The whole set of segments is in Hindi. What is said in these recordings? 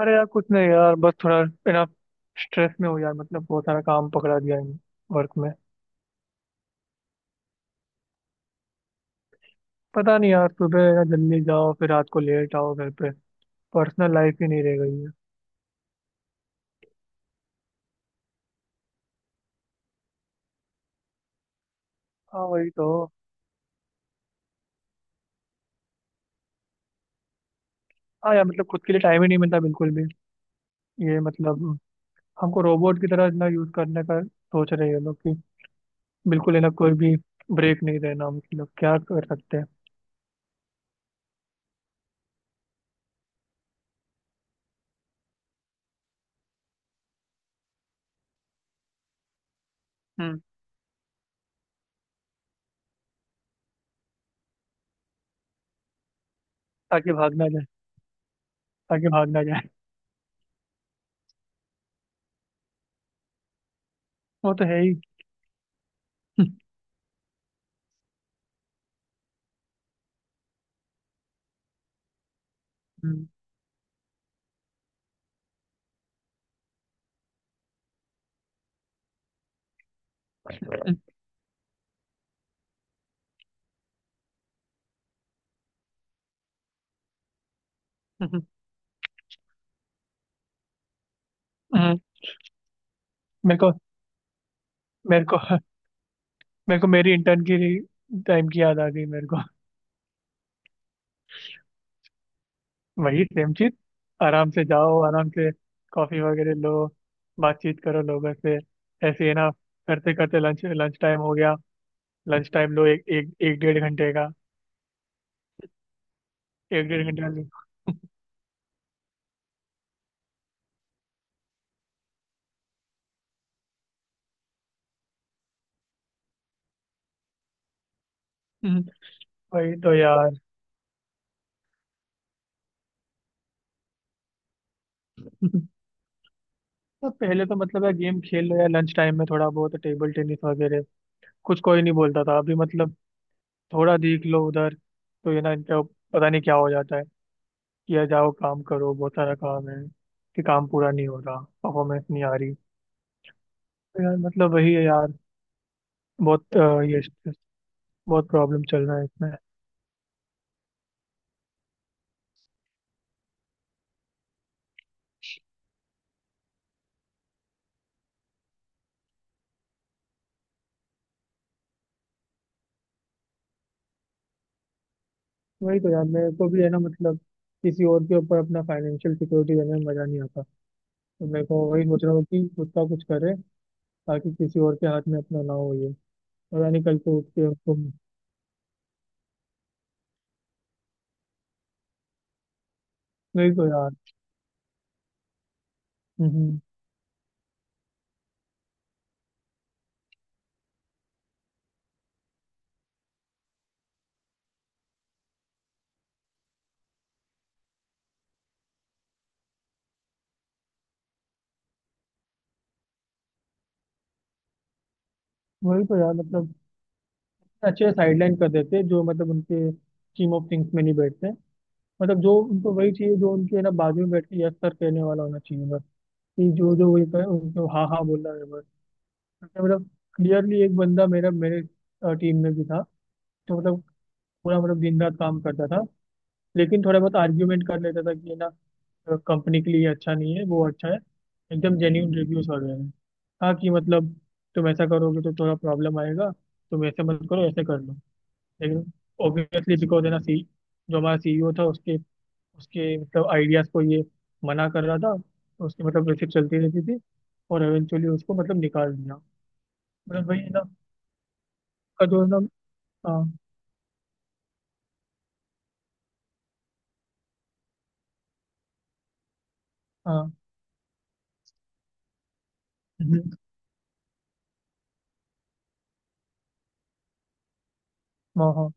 अरे यार, कुछ नहीं यार, बस थोड़ा इतना स्ट्रेस में हो यार। मतलब बहुत सारा काम पकड़ा दिया है वर्क में। पता नहीं यार, सुबह ना जल्दी जाओ, फिर रात को लेट आओ घर पे। पर्सनल लाइफ ही नहीं रह गई है। हाँ वही तो। हाँ यार, मतलब खुद के लिए टाइम ही नहीं मिलता बिल्कुल भी। ये मतलब हमको रोबोट की तरह ना यूज करने का सोच रहे हैं ये लोग कि बिल्कुल है ना, कोई भी ब्रेक नहीं देना। हम लोग क्या कर सकते हैं। हम्म। ताकि भागना जाए, ताकि भागना जाए। वो तो है ही। हम्म। हम्म। हम्म। हम्म। मेरे को मेरे को मेरे को मेरी इंटर्न की टाइम की याद आ गई मेरे को। वही सेम चीज। आराम से जाओ, आराम से कॉफी वगैरह लो, बातचीत करो लोगों से, ऐसे ही ना। करते करते लंच लंच टाइम हो गया। लंच टाइम लो, एक एक एक डेढ़ घंटे का। एक डेढ़ घंटे का लो। हम्म। वही तो यार। तो पहले तो मतलब यार, गेम खेल लो, या लंच टाइम में थोड़ा बहुत टेबल टेनिस वगैरह कुछ, कोई नहीं बोलता था अभी। मतलब थोड़ा देख लो उधर। तो ये ना, इनका पता नहीं क्या हो जाता है, किया जाओ काम करो बहुत सारा काम है, कि काम पूरा नहीं हो रहा, परफॉर्मेंस नहीं आ रही। तो यार मतलब वही है यार। बहुत अ, ये stress- बहुत प्रॉब्लम चल रहा है इसमें। वही तो यार, मेरे को भी है ना। मतलब किसी और के ऊपर अपना फाइनेंशियल सिक्योरिटी देने में मजा नहीं आता। तो मेरे को वही सोच रहा हूँ कि खुद का कुछ करे, ताकि किसी और के हाथ में अपना ना हो ये। पता नहीं कल को उठ के उसको। वही तो यार। हम्म। वही तो यार मतलब अच्छे साइडलाइन कर देते जो मतलब उनके टीम ऑफ थिंग्स में नहीं बैठते। मतलब जो उनको वही चाहिए, जो उनके ना बाजू में बैठ के यस सर कहने वाला होना चाहिए बस, कि जो जो वही कहे उनको हाँ हाँ बोलना है बस। तो मतलब क्लियरली, एक बंदा मेरा मेरे टीम में भी था। तो मतलब पूरा मतलब दिन रात काम करता था। लेकिन थोड़ा बहुत आर्ग्यूमेंट कर लेता था, कि ये ना कंपनी के लिए ये अच्छा नहीं है, वो अच्छा है। एकदम जेन्यून रिव्यूज वगैरह हैं। हाँ कि मतलब, तुम ऐसा करोगे तो थोड़ा प्रॉब्लम आएगा, तुम ऐसे मत करो, ऐसे कर लो। लेकिन ऑब्वियसली बिकॉज है ना, सी जो हमारा सीईओ था, उसके उसके मतलब आइडियाज को ये मना कर रहा था। तो उसकी मतलब वैसे चलती रहती थी। और एवेंचुअली उसको मतलब निकाल दिया। मतलब वही है ना, का जो है ना। हाँ। हाँ। हम्म। हाँ हाँ।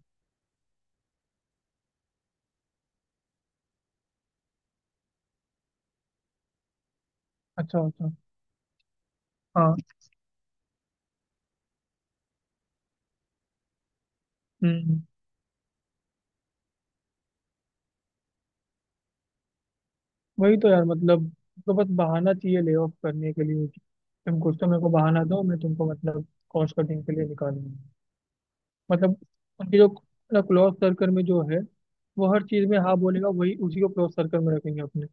अच्छा अच्छा। हाँ। हम्म। वही तो यार मतलब, तो बस बहाना चाहिए ले ऑफ करने के लिए कि, तुम कुछ तो मेरे को बहाना दो, मैं तुमको मतलब कॉस्ट कटिंग के लिए निकालूंगा। मतलब उनके जो क्लोज सर्कल में जो है वो हर चीज में हाँ बोलेगा, वही, उसी को क्लोज सर्कल में रखेंगे अपने।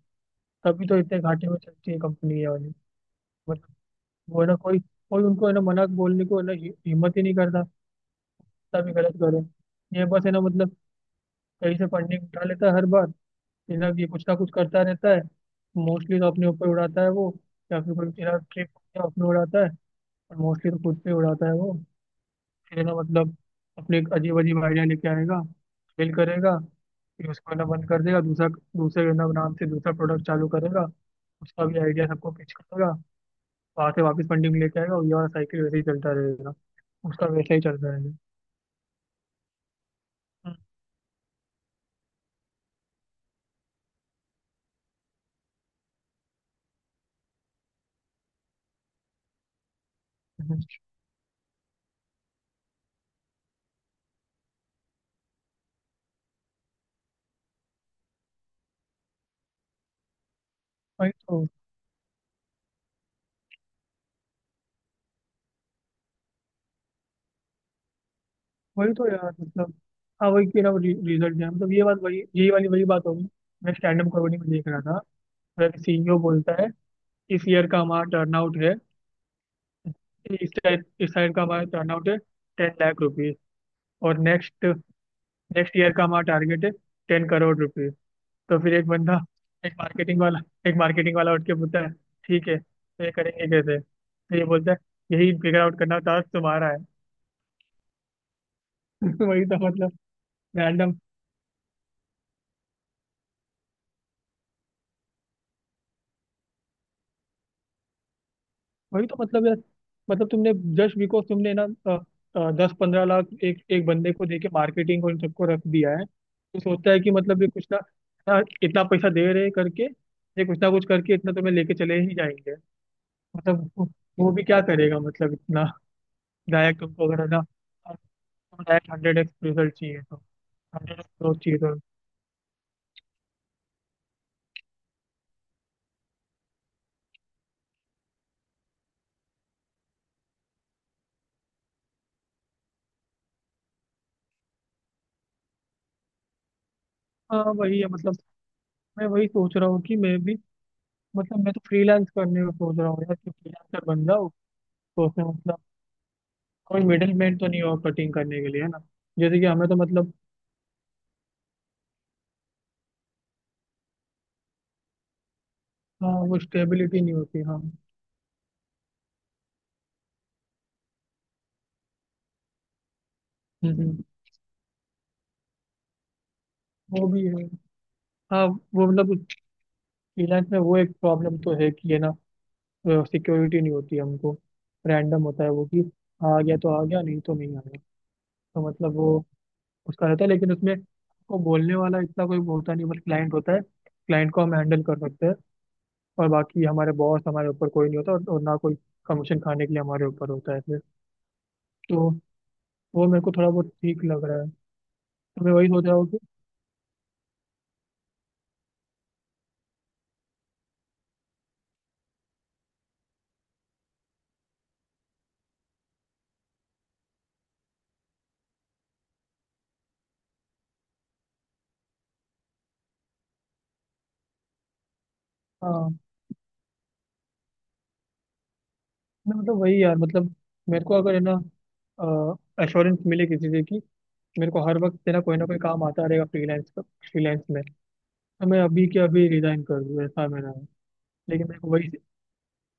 तभी तो इतने घाटे में चलती है कंपनी ये वाली। वो है ना कोई, कोई उनको है ना मना बोलने को है ना, हिम्मत ही नहीं करता। तभी गलत करो। ये बस है ना मतलब, कहीं से फंडिंग उठा लेता है हर बार। फिर ना ये कुछ ना कुछ करता रहता है। मोस्टली तो अपने ऊपर उड़ाता है वो। या फिर कोई तेरा ट्रिप अपने उड़ाता है। और मोस्टली तो खुद पे उड़ाता है वो। फिर है ना मतलब अपने एक अजीब अजीब आइडिया लेके आएगा, फेल करेगा। फिर उसको है ना बंद कर देगा, दूसरा, दूसरे है ना नाम से दूसरा प्रोडक्ट चालू करेगा। उसका भी आइडिया सबको पिच करेगा। वहां से वापस पंडिंग लेके आएगा, और ये वाला साइकिल वैसे ही चलता रहेगा। उसका वैसा ही चलता रहेगा। हम्म। हम्म। वही तो। वही तो यार मतलब। हाँ वही कि ना वो रिजल्ट है मतलब। ये बात वही, यही वाली वही बात होगी। मैं स्टैंड अप कॉमेडी में देख रहा था, जब सीईओ बोलता है, इस ईयर का हमारा टर्नआउट है, इस टाइप इस साइड का हमारा टर्नआउट है 10 लाख रुपीज, और नेक्स्ट नेक्स्ट ईयर का हमारा टारगेट है 10 करोड़ रुपीज। तो फिर एक बंदा, एक मार्केटिंग वाला, उठ के बोलता है, ठीक है, तो ये करेंगे कैसे। तो ये बोलता है, यही फिगर आउट करना टास्क तुम्हारा है। वही तो मतलब, रैंडम। वही तो मतलब यार मतलब, तुमने, जस्ट बिकॉज तुमने ना 10-15 लाख एक एक बंदे को दे के मार्केटिंग और इन सबको रख दिया है, तो सोचता है कि मतलब ये कुछ ना, ना इतना पैसा दे रहे करके ये कुछ ना कुछ करके इतना तुम्हें लेके चले ही जाएंगे। मतलब वो भी क्या करेगा मतलब, इतना गायक तुमको अगर है ना डायरेक्ट हंड्रेड एक्स रिजल्ट चाहिए तो, 100x ग्रोथ चाहिए तो। हाँ वही है मतलब। मैं वही सोच रहा हूँ कि मैं भी मतलब, मैं तो फ्रीलांस करने को सोच रहा हूँ यार, कि फ्रीलांसर बन जाऊँ। तो उसमें मतलब कोई मिडिल मैन तो नहीं हो कटिंग करने के लिए है ना, जैसे कि हमें तो मतलब। हाँ वो स्टेबिलिटी नहीं होती। हाँ। हम्म। हम्म। वो भी है। हाँ। वो मतलब फ्रीलांस में वो एक प्रॉब्लम तो है कि है ना, सिक्योरिटी नहीं होती हमको। रैंडम होता है वो कि, आ गया तो आ गया, नहीं तो नहीं आ गया। तो मतलब वो उसका रहता है, लेकिन उसमें वो बोलने वाला इतना कोई होता नहीं, बस क्लाइंट होता है, क्लाइंट को हम हैंडल कर सकते हैं। और बाकी हमारे बॉस हमारे ऊपर कोई नहीं होता, और ना कोई कमीशन खाने के लिए हमारे ऊपर होता है फिर। तो वो मेरे को थोड़ा बहुत ठीक लग रहा है। तो मैं वही सोच रहा हूँ कि। हाँ, मैं मतलब वही यार मतलब, मेरे को अगर है ना एश्योरेंस मिले किसी चीज़ की, मेरे को हर वक्त है ना कोई काम आता रहेगा फ्रीलांस का, फ्रीलांस में, तो मैं अभी के अभी रिजाइन कर दूँ ऐसा मेरा है। लेकिन मेरे को वही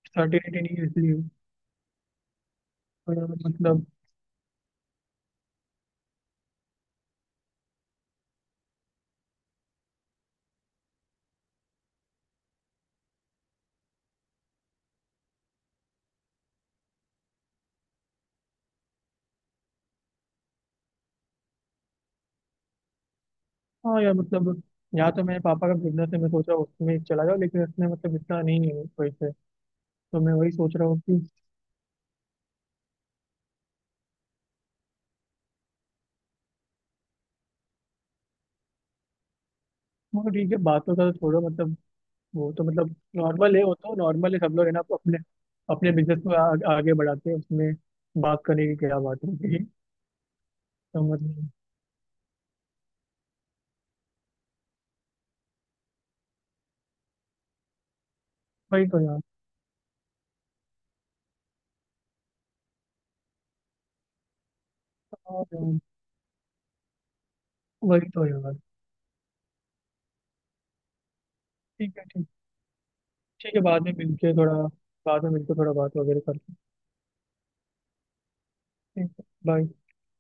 सर्टिनिटी नहीं है इसलिए। तो यार मतलब, हाँ यार मतलब, यहाँ तो मेरे पापा का बिजनेस है, मैं सोच रहा हूँ उसमें चला जाओ, लेकिन उसमें मतलब इतना नहीं है पैसे। तो मैं वही सोच रहा हूँ कि, मगर ठीक है, बातों का तो छोड़ो मतलब, वो तो मतलब नॉर्मल है, वो तो नॉर्मल है, सब लोग है ना अपने अपने बिजनेस को आगे बढ़ाते हैं उसमें। बात करने की क्या बात होती है। तो मतलब, वही तो यार। हाँ यार। वही तो यार। ठीक है, ठीक। ठीक है, बाद में मिलके थोड़ा, बाद में मिलके थोड़ा बात वगैरह करते हैं। ठीक है, बाय।